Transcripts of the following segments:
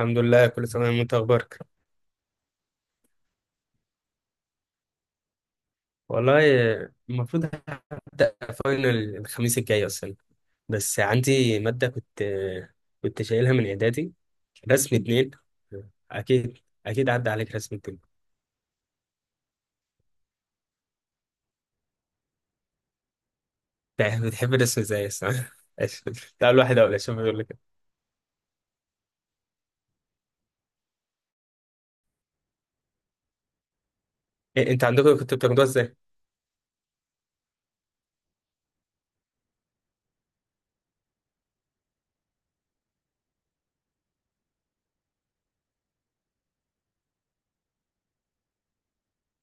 الحمد لله، كل سنة وانت اخبارك. والله المفروض هبدأ فاينل الخميس الجاي اصلا. بس عندي مادة كنت شايلها من اعدادي، رسم 2. اكيد، اكيد عدى عليك رسم 2. بتحب الرسم ازاي اصلا؟ تعال واحد اقول اشوف بيقول لك. ايه انت عندكم كنتوا بتاخدوها ازاي؟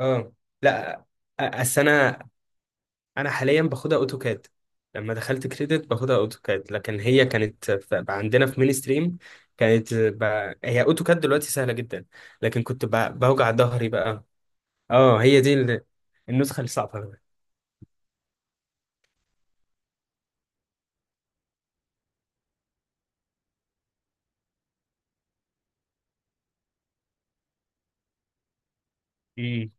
اه، لا. السنة انا حاليا باخدها اوتوكاد. لما دخلت كريدت باخدها اوتوكاد، لكن هي كانت عندنا في مين ستريم. كانت ب... هي اوتوكاد دلوقتي سهله جدا. لكن كنت بوجع ظهري بقى. اه، هي دي النسخه الصعبه بقى. امم.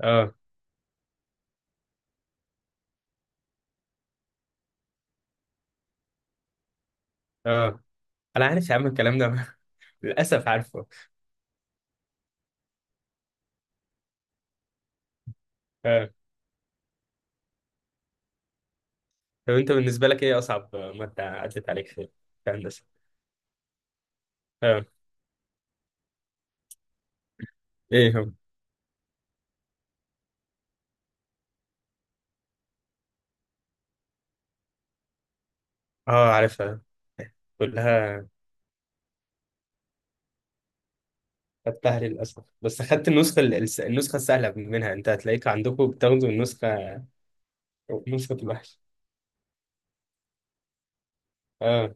اه. اه، انا عارف يا عم الكلام ده. للاسف عارفه. اه، طب انت بالنسبه لك ايه اصعب ماده عدت عليك في هندسه؟ اه. ايه هم؟ اه، عارفها كلها. خدتها للأسف، بس خدت النسخة السهلة منها. أنت هتلاقيك عندكم بتاخدوا نسخة الوحش. اه،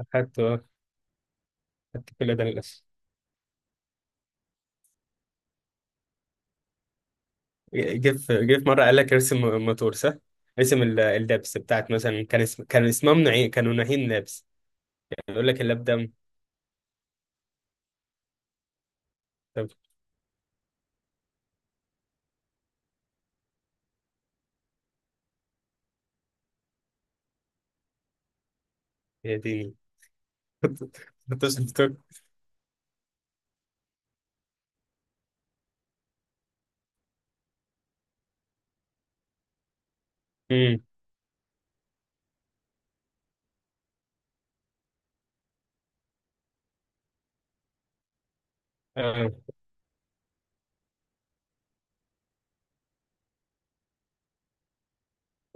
أخدت آه، أخدت كل ده للأسف. جه في مرة قال لك ارسم موتور، صح؟ ارسم اللبس بتاعت، مثلا كان اسمها منعين، كانوا ناهين لبس. يقول لك اللاب دم. طب يا ديني. كنت شفتك. امم. اه.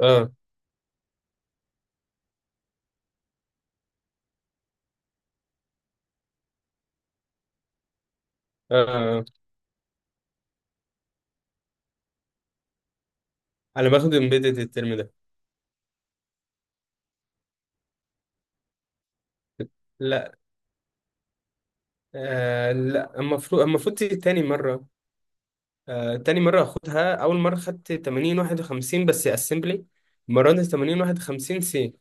اه، اه، انا باخد امبيدد الترم ده. لا. آه لا، المفروض تيجي تاني مرة. تاني مرة أخدها، أول مرة خدت 8051 بس أسمبلي. المرة دي 8051 سي.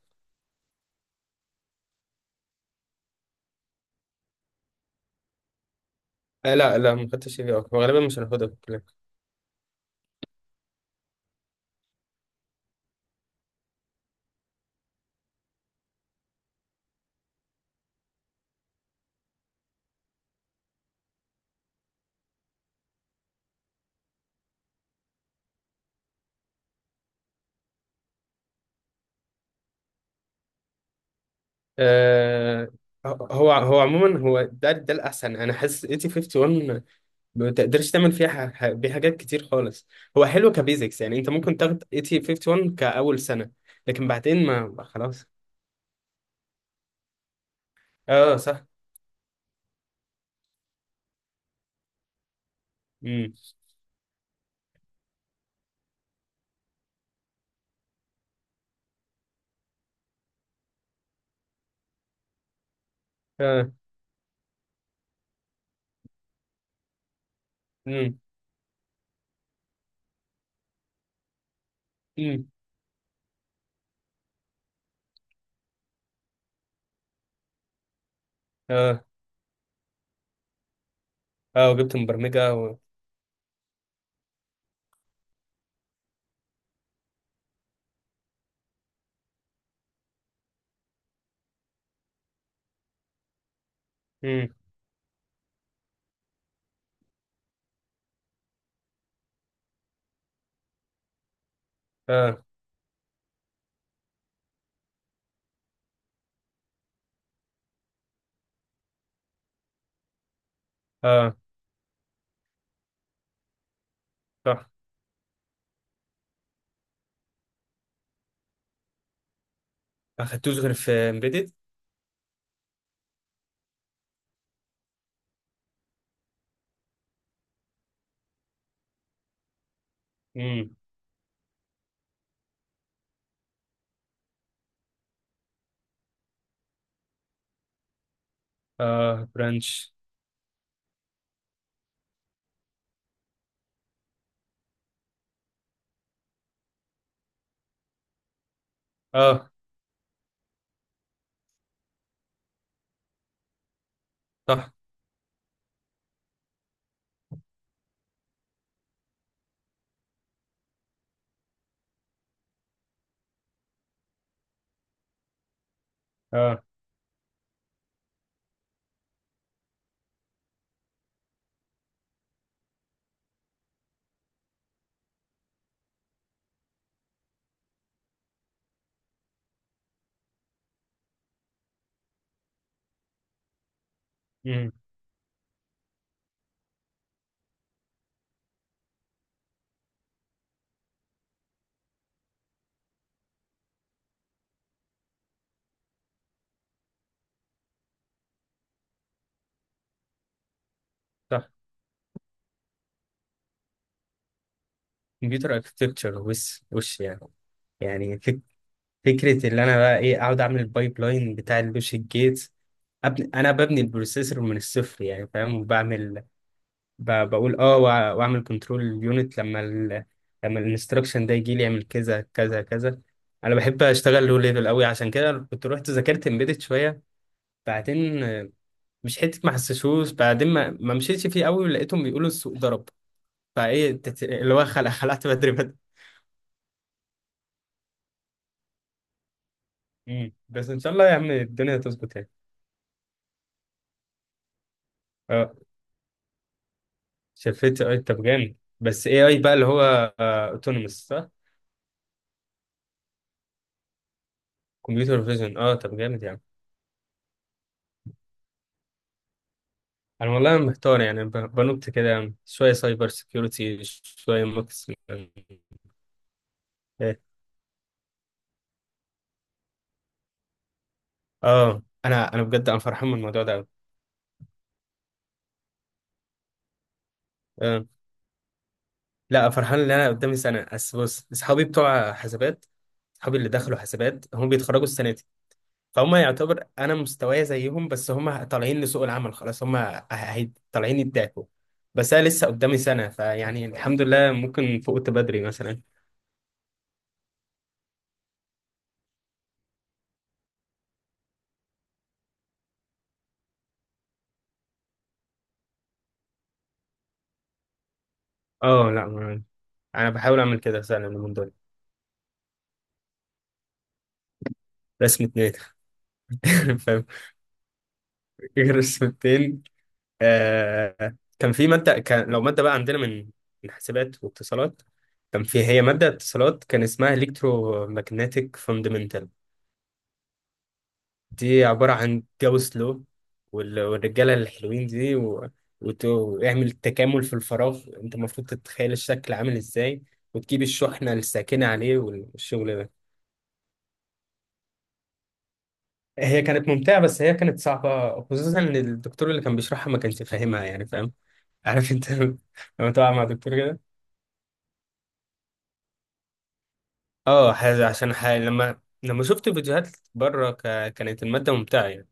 آه، لا لا، ما خدتش سي في أو، غالبا مش هناخدها في الكلية. آه هو عموما هو ده الأحسن. أنا حاسس 8051 ما تقدرش تعمل فيها بيه حاجات كتير خالص. هو حلو كبيزكس، يعني أنت ممكن تاخد 8051 كأول سنة، لكن بعدين ما خلاص. أه، صح. مم. أه. مم. مم. أه. أه، وجبت مبرمجة و... مم. أه. أه، صح. ما خدتوش غير في امبيدد. امم. اه، برانش. اه، صح. اه. امم. صح. كمبيوتر اركتكتشر. وش وش يعني؟ يعني فكره اللي انا بقى ايه، اقعد اعمل البايب لاين بتاع اللوجيك جيت. انا ببني البروسيسور من الصفر، يعني فاهم، وبعمل بقول واعمل كنترول يونت لما لما الانستركشن ده يجي لي يعمل كذا كذا كذا. انا بحب اشتغل لو ليفل قوي، عشان كده كنت رحت ذاكرت امبيدد شويه. بعدين، مش حته ما حسسوش بعدين، ما مشيتش فيه قوي، ولقيتهم بيقولوا السوق ضرب. اللي هو خلعت بدري بدري. مم. بس ان شاء الله يا عم الدنيا تظبط يعني. اه، شفت طب جامد، بس اي اي بقى، اللي هو اوتونوموس صح. كمبيوتر فيجن، اه، طب جامد يعني. انا والله محتار يعني، بنط كده يعني، شويه سايبر سكيورتي شويه مكس. اه. انا بجد فرحان من الموضوع ده أوي. آه. لا، فرحان ان انا قدامي سنه بس. بص، اصحابي بتوع حسابات، اصحابي اللي دخلوا حسابات هم بيتخرجوا السنه دي. فهم يعتبر انا مستواي زيهم، بس هم طالعين لسوق العمل خلاص، هم طالعين يدعكوا. بس انا لسه قدامي سنه، فيعني الحمد لله ممكن فقت بدري مثلا. اه. لا، انا بحاول اعمل كده فعلا من دول. رسمة 2. فاهم. رسمتين. آه، كان لو مادة بقى عندنا من حاسبات واتصالات. كان في، هي مادة اتصالات كان اسمها ماجنتيك فاندمنتال. دي عبارة عن جاوس لو، والرجالة الحلوين دي، و... واعمل تكامل في الفراغ، انت المفروض تتخيل الشكل عامل ازاي، وتجيب الشحنة الساكنة عليه والشغل ده. هي كانت ممتعة، بس هي كانت صعبة، خصوصا ان الدكتور اللي كان بيشرحها ما كانش فاهمها، يعني فاهم، عارف انت. لما تقع مع دكتور كده. اه، عشان لما شفت فيديوهات بره كانت المادة ممتعة يعني.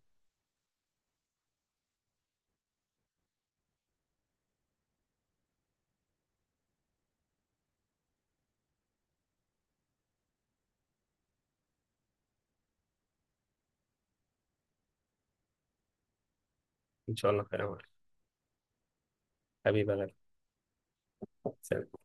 ان شاء الله خير يا عمر. حبيبي يا غالي. سلام.